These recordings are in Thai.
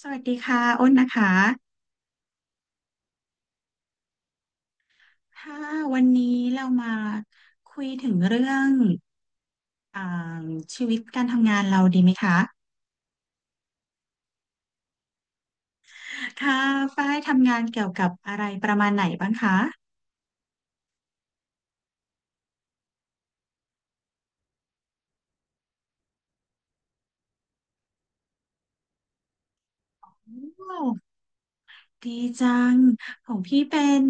สวัสดีค่ะอ้นนะคะถ้าวันนี้เรามาคุยถึงเรื่องอ่าชีวิตการทำงานเราดีไหมคะค่ะฝ้ายทำงานเกี่ยวกับอะไรประมาณไหนบ้างคะโอ้ดีจังของพี่เป็น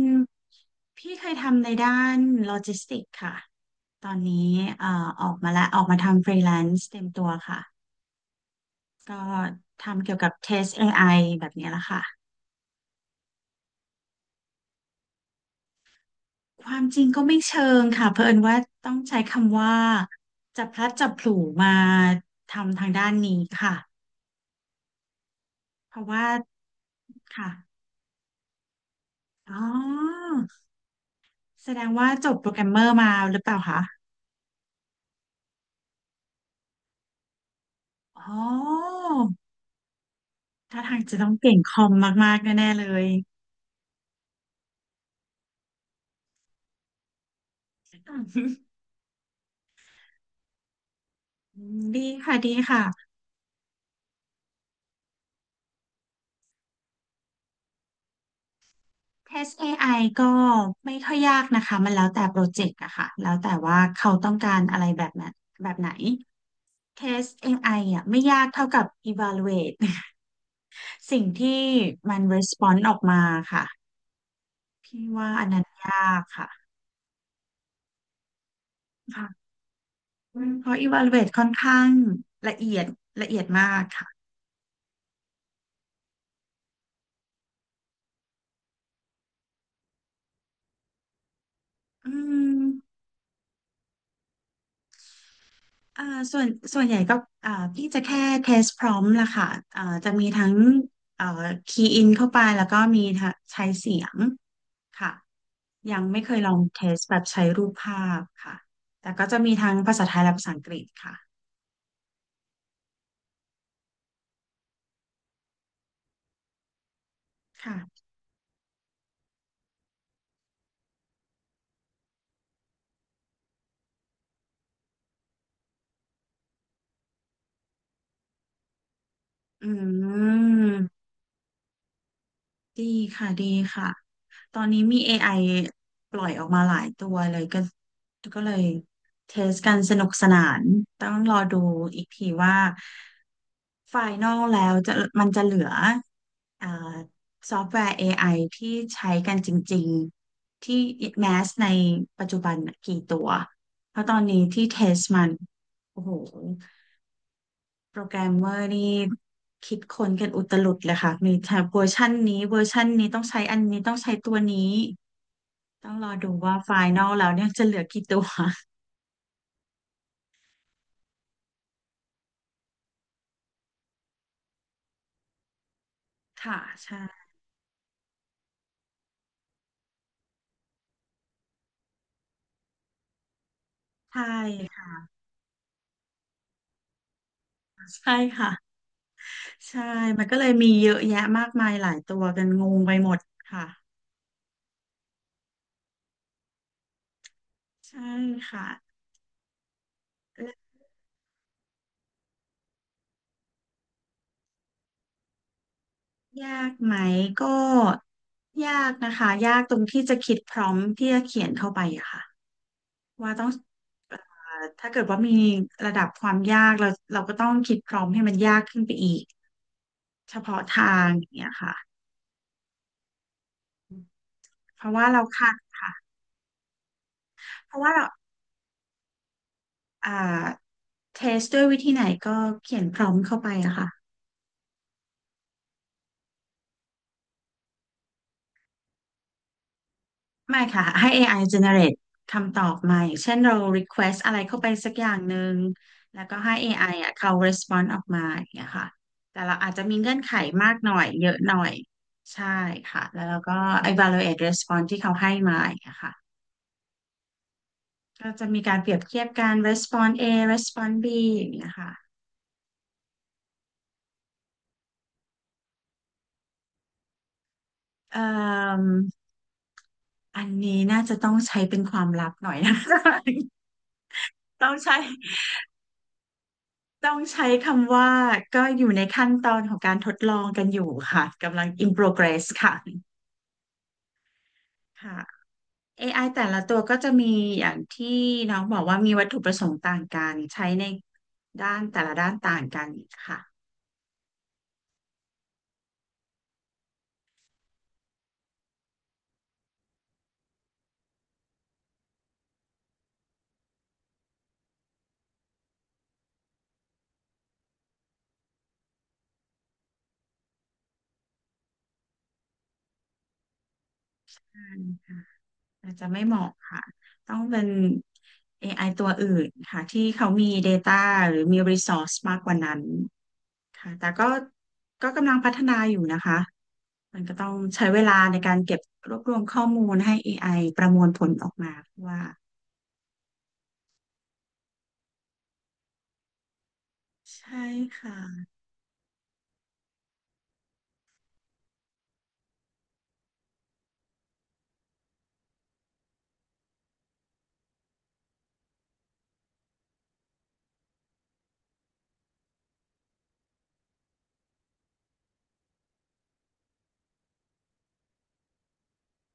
พี่เคยทำในด้านโลจิสติกค่ะ ตอนนี้ออกมาแล้วออกมาทำฟรีแลนซ์เต็มตัวค่ะ ก็ทำเกี่ยวกับเทส AI แบบนี้แหละค่ะ ความจริงก็ไม่เชิงค่ะเผอิญว่าต้องใช้คำว่าจับพลัดจับผลูมาทำทางด้านนี้ค่ะเพราะว่าค่ะอ๋อแสดงว่าจบโปรแกรมเมอร์มาหรือเปล่าคะอ๋อถ้าทางจะต้องเก่งคอมมากๆแน่ๆเลยอืมดีค่ะดีค่ะ Test AI ก็ไม่ค่อยยากนะคะมันแล้วแต่โปรเจกต์อะค่ะแล้วแต่ว่าเขาต้องการอะไรแบบนั้นแบบไหน Test เทส AI อ่ะไม่ยากเท่ากับ evaluate สิ่งที่มัน r e s p o n e ออกมาค่ะพี่ว่าอันนั้นยากค่ะค่ะเพราะ evaluate ค่อนข้างละเอียดละเอียดมากค่ะอืมอ่าส่วนส่วนใหญ่ก็พี่จะแค่ test prompt ละค่ะอ่าจะมีทั้งอ่า key in เข้าไปแล้วก็มีทั้งใช้เสียงค่ะยังไม่เคยลอง test แบบใช้รูปภาพค่ะแต่ก็จะมีทั้งภาษาไทยและภาษาอังกฤษค่ะค่ะ อืมดีค่ะดีค่ะตอนนี้มี AI ปล่อยออกมาหลายตัวเลยก็เลยเทสกันสนุกสนานต้องรอดูอีกทีว่าไฟนอลแล้วจะมันจะเหลืออ่าซอฟต์แวร์ AI ที่ใช้กันจริงๆที่แมสในปัจจุบันน่ะกี่ตัวเพราะตอนนี้ที่เทสมันโอ้โห โปรแกรมเมอร์นี่คิดค้นกันอุตลุดเลยค่ะมีแต่เวอร์ชันนี้เวอร์ชันนี้ต้องใช้อันนี้ต้องใช้ตัวนี้ต้องรอดูว่าไฟนอลแล้วเนี่ยจะเหลือกี่ตัวค่ะใช่ใช่ค่ะใช่ค่ะใช่มันก็เลยมีเยอะแยะมากมายหลายตัวกันงงไปหมดค่ะใช่ค่ะและยากไหมก็ยากนะคะยากตรงที่จะคิดพร้อมที่จะเขียนเข้าไปอะค่ะ ว่าต้องเอ่อถ้าเกิดว่ามีระดับความยากเราก็ต้องคิดพร้อมให้มันยากขึ้นไปอีกเฉพาะทางอย่างเงี้ยค่ะเพราะว่าเราคาดค่ะ เพราะว่าเราอ่าเทสด้วยวิธีไหนก็เขียนพร้อมเข้าไปอะค่ะไม่ค่ะให้ AI generate คำตอบมาอย่างเช่นเรา request อะไรเข้าไปสักอย่างหนึ่งแล้วก็ให้ AI อไออ่ะเขา respond ออกมาอย่างเงี้ยค่ะแต่เราอาจจะมีเงื่อนไขมากหน่อยเยอะหน่อย ใช่ค่ะแล้วเราก็ evaluate response ที่เขาให้มาอย่างเงี้ยค่ะ ก็จะมีการเปรียบเทียบการ response A response B อย่างเงี้ยค่ะเอ่มอันนี้น่าจะต้องใช้เป็นความลับหน่อยนะ ต้องใช้ต้องใช้คำว่าก็อยู่ในขั้นตอนของการทดลองกันอยู่ค่ะ กำลัง in progress ค่ะค่ะ AI แต่ละตัวก็จะมีอย่างที่น้องบอกว่ามีวัตถุประสงค์ต่างกัน ใช้ในด้านแต่ละด้านต่างกันค่ะ อาจจะไม่เหมาะค่ะต้องเป็น AI ตัวอื่นค่ะที่เขามี Data หรือมี Resource มากกว่านั้นค่ะแต่ก็กำลังพัฒนาอยู่นะคะมันก็ต้องใช้เวลาในการเก็บรวบรวมข้อมูลให้ AI ประมวลผลออกมาว่าใช่ค่ะ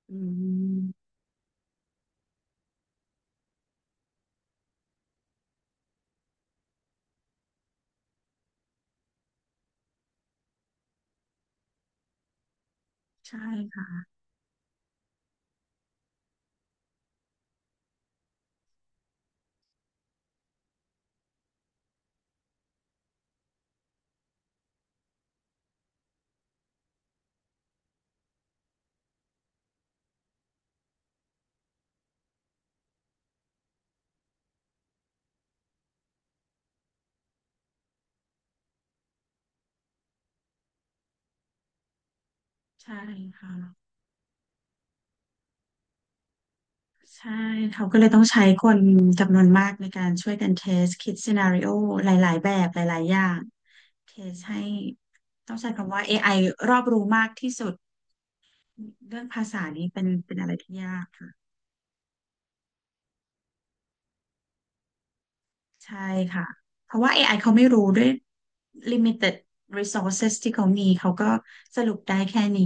อืมใช่ค่ะใช่ค่ะใช่เขาก็เลยต้องใช้คนจำนวนมากในการช่วยกันเทสคิดซีนาริโอหลายๆแบบหลายๆอย่าง เคสให้ต้องใช้คำว่า AI รอบรู้มากที่สุดเรื่องภาษานี้เป็นอะไรที่ยากค่ะใช่ค่ะเพราะว่า AI เขาไม่รู้ด้วย limited resources ที่เขามีเขาก็สรุปได้แค่นี้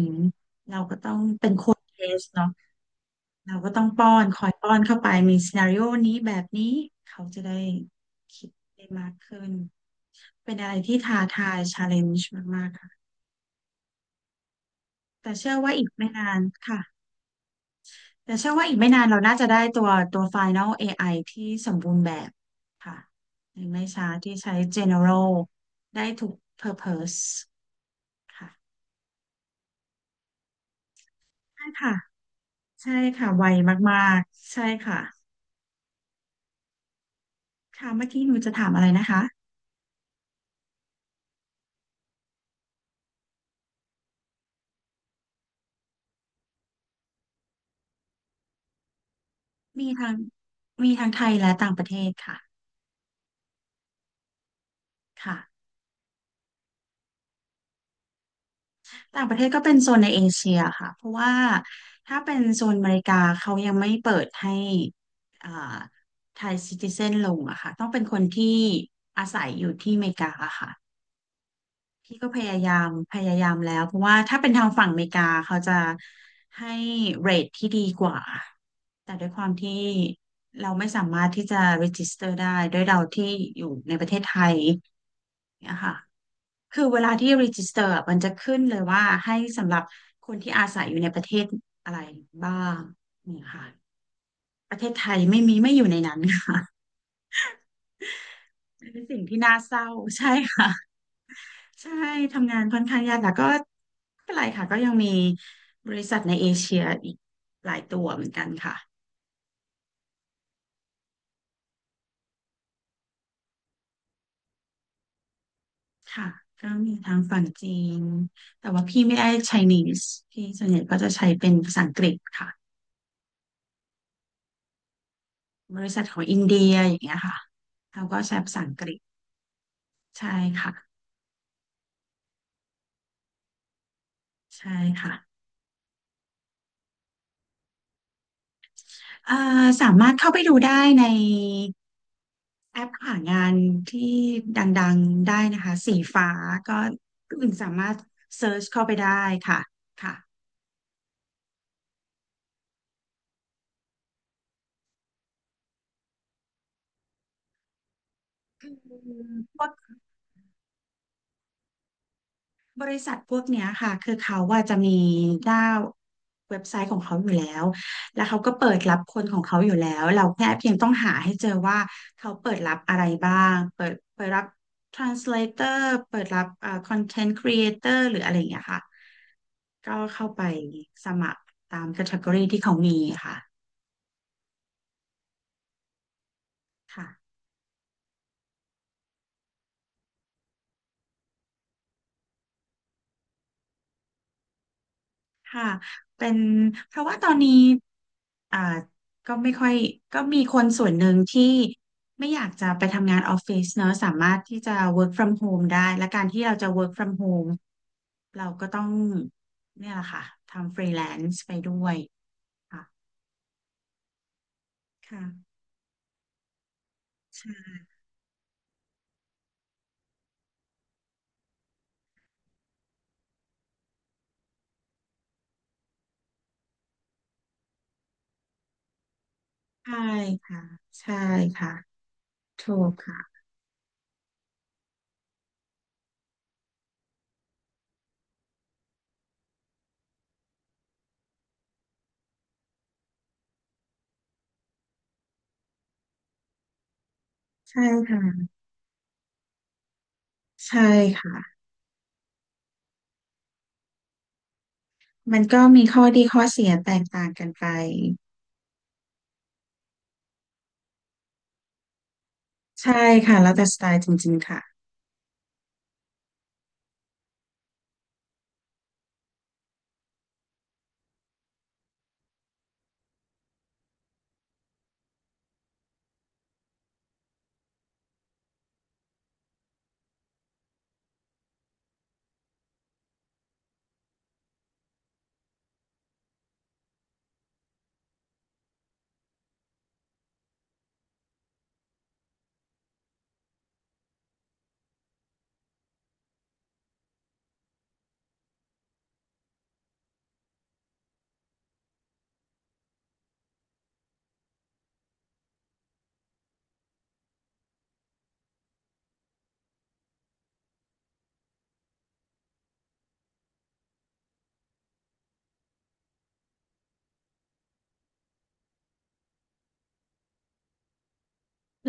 เราก็ต้องเป็นคนเทสเนาะเราก็ต้องป้อนคอยป้อนเข้าไปมีซีนาริโอนี้แบบนี้เขาจะได้คิดได้มากขึ้นเป็นอะไรที่ท้าทาย challenge มากๆค่ะแต่เชื่อว่าอีกไม่นานค่ะ แต่เชื่อว่าอีกไม่นานเราน่าจะได้ตัว Final AI ที่สมบูรณ์แบบค่ะในไม่ช้าที่ใช้ General ได้ทุก Purpose ค่ะใช่ค่ะ ใช่ค่ะ ไวมากๆ ใช่ค่ะค่ะเมื่อกี้หนูจะถามอะไรนะคะ มีทางมีทางไทยและต่างประเทศค่ะค่ะ ต่างประเทศก็เป็นโซนในเอเชียค่ะเพราะว่าถ้าเป็นโซนอเมริกาเขายังไม่เปิดให้อ่าไทยซิติเซนลงอะค่ะต้องเป็นคนที่อาศัยอยู่ที่อเมริกาอะค่ะพี่ก็พยายามแล้วเพราะว่าถ้าเป็นทางฝั่งอเมริกาเขาจะให้เรทที่ดีกว่าแต่ด้วยความที่เราไม่สามารถที่จะ register ได้ด้วยเราที่อยู่ในประเทศไทย เนี่ยค่ะคือเวลาที่ register อะมันจะขึ้นเลยว่าให้สำหรับคนที่อาศัยอยู่ในประเทศอะไรบ้างเนี่ยค่ะประเทศไทยไม่มีไม่อยู่ในนั้น ค่ะ เป็นสิ่งที่น่าเศร้าใช่ค่ะ ใช่ ทำงานค่อนข้างยากแต่ก็ไม่เป็นไรค่ะ ก็ยังมีบริษัทในเอเชียอีกหลายตัวเหมือนกันค่ะค่ะก็มีทางฝั่งจีนแต่ว่าพี่ไม่ได้ Chinese พี่ส่วนใหญ่ก็จะใช้เป็นภาษาอังกฤษค่ะ บริษัทของอินเดียอย่างเงี้ยค่ะเขาก็ใช้ภาษาอังกฤษ ใช่ค่ะใช่ค่ะเอ่สามารถเข้าไปดูได้ในแอปหางานที่ดังๆได้นะคะ สีฟ้าก็คุณสามารถเซิร์ชเข้าไปได้ค่ะค่ะคือพวก บริษัทพวกเนี้ยค่ะคือเขาว่าจะมีหน้าเว็บไซต์ของเขาอยู่แล้วแล้วเขาก็เปิดรับคนของเขาอยู่แล้วเราแค่เพียงต้องหาให้เจอว่าเขาเปิดรับอะไรบ้างเปิดรับ translator เปิดรับcontent creator หรืออะไรอย่างเงี้ยค่ะก็เข้าไปสมัครตาม category ที่เขามีค่ะค่ะ ค่ะเป็นเพราะว่าตอนนี้อ่าก็ไม่ค่อยก็มีคนส่วนหนึ่งที่ไม่อยากจะไปทำงานออฟฟิศเนอะสามารถที่จะ work from home ได้และการที่เราจะ work from home เราก็ต้องเนี่ยแหละค่ะทำ freelance ไปด้วยค่ะค่ะใช่ใช่ค่ะใช่ค่ะถูกค่ะใช่ค่ะใช่ค่ะมันก็มีข้อดีข้อเสียแตกต่างกันไปใช่ค่ะแล้วแต่สไตล์จริงๆค่ะ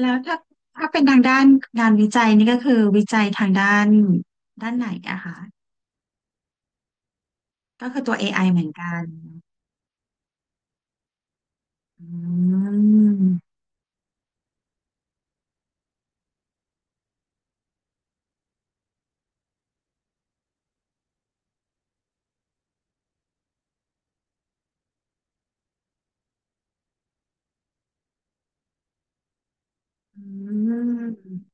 แล้วถ้าเป็นทางด้านงานวิจัยนี่ก็คือวิจัยทางด้านด้านไหนอะคะก็คือตัว AI เหมือนกันอืมอืม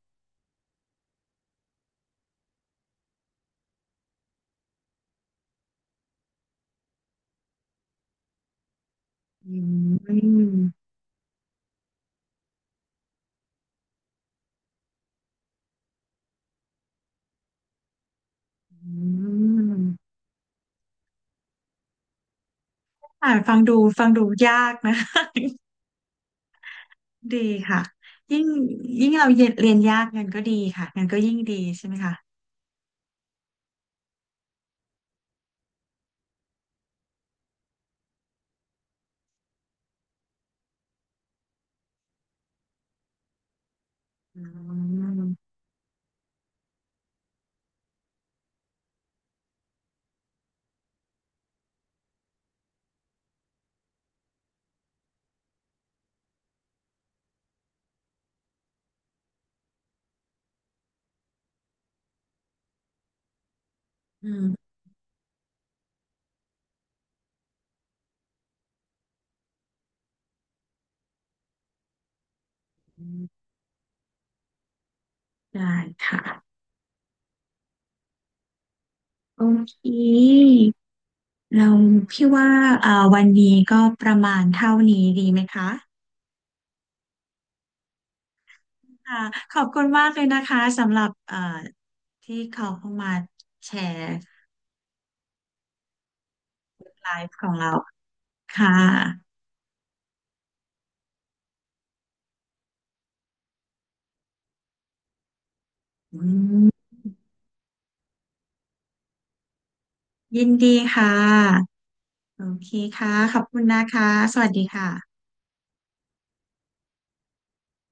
อืมอืมฟังดูฟังดูยากนะ ดีค่ะยิ่งยิ่งเราเรียนยากเงินก็ดีค่ะเงินก็ยิ่งดีใช่ไหมคะอืมอืมได้ค่ะโอเค เราพี่ว่าวันนี้ก็ประมาณเท่านี้ดีไหมคะค่ะขอบคุณมากเลยนะคะสำหรับเอ่าที่เขาเข้ามาแชร์ไลฟ์ของเราค่ะอืมยินดีค่ะโอเคค่ะขอบคุณนะคะสวัสดีค่ะ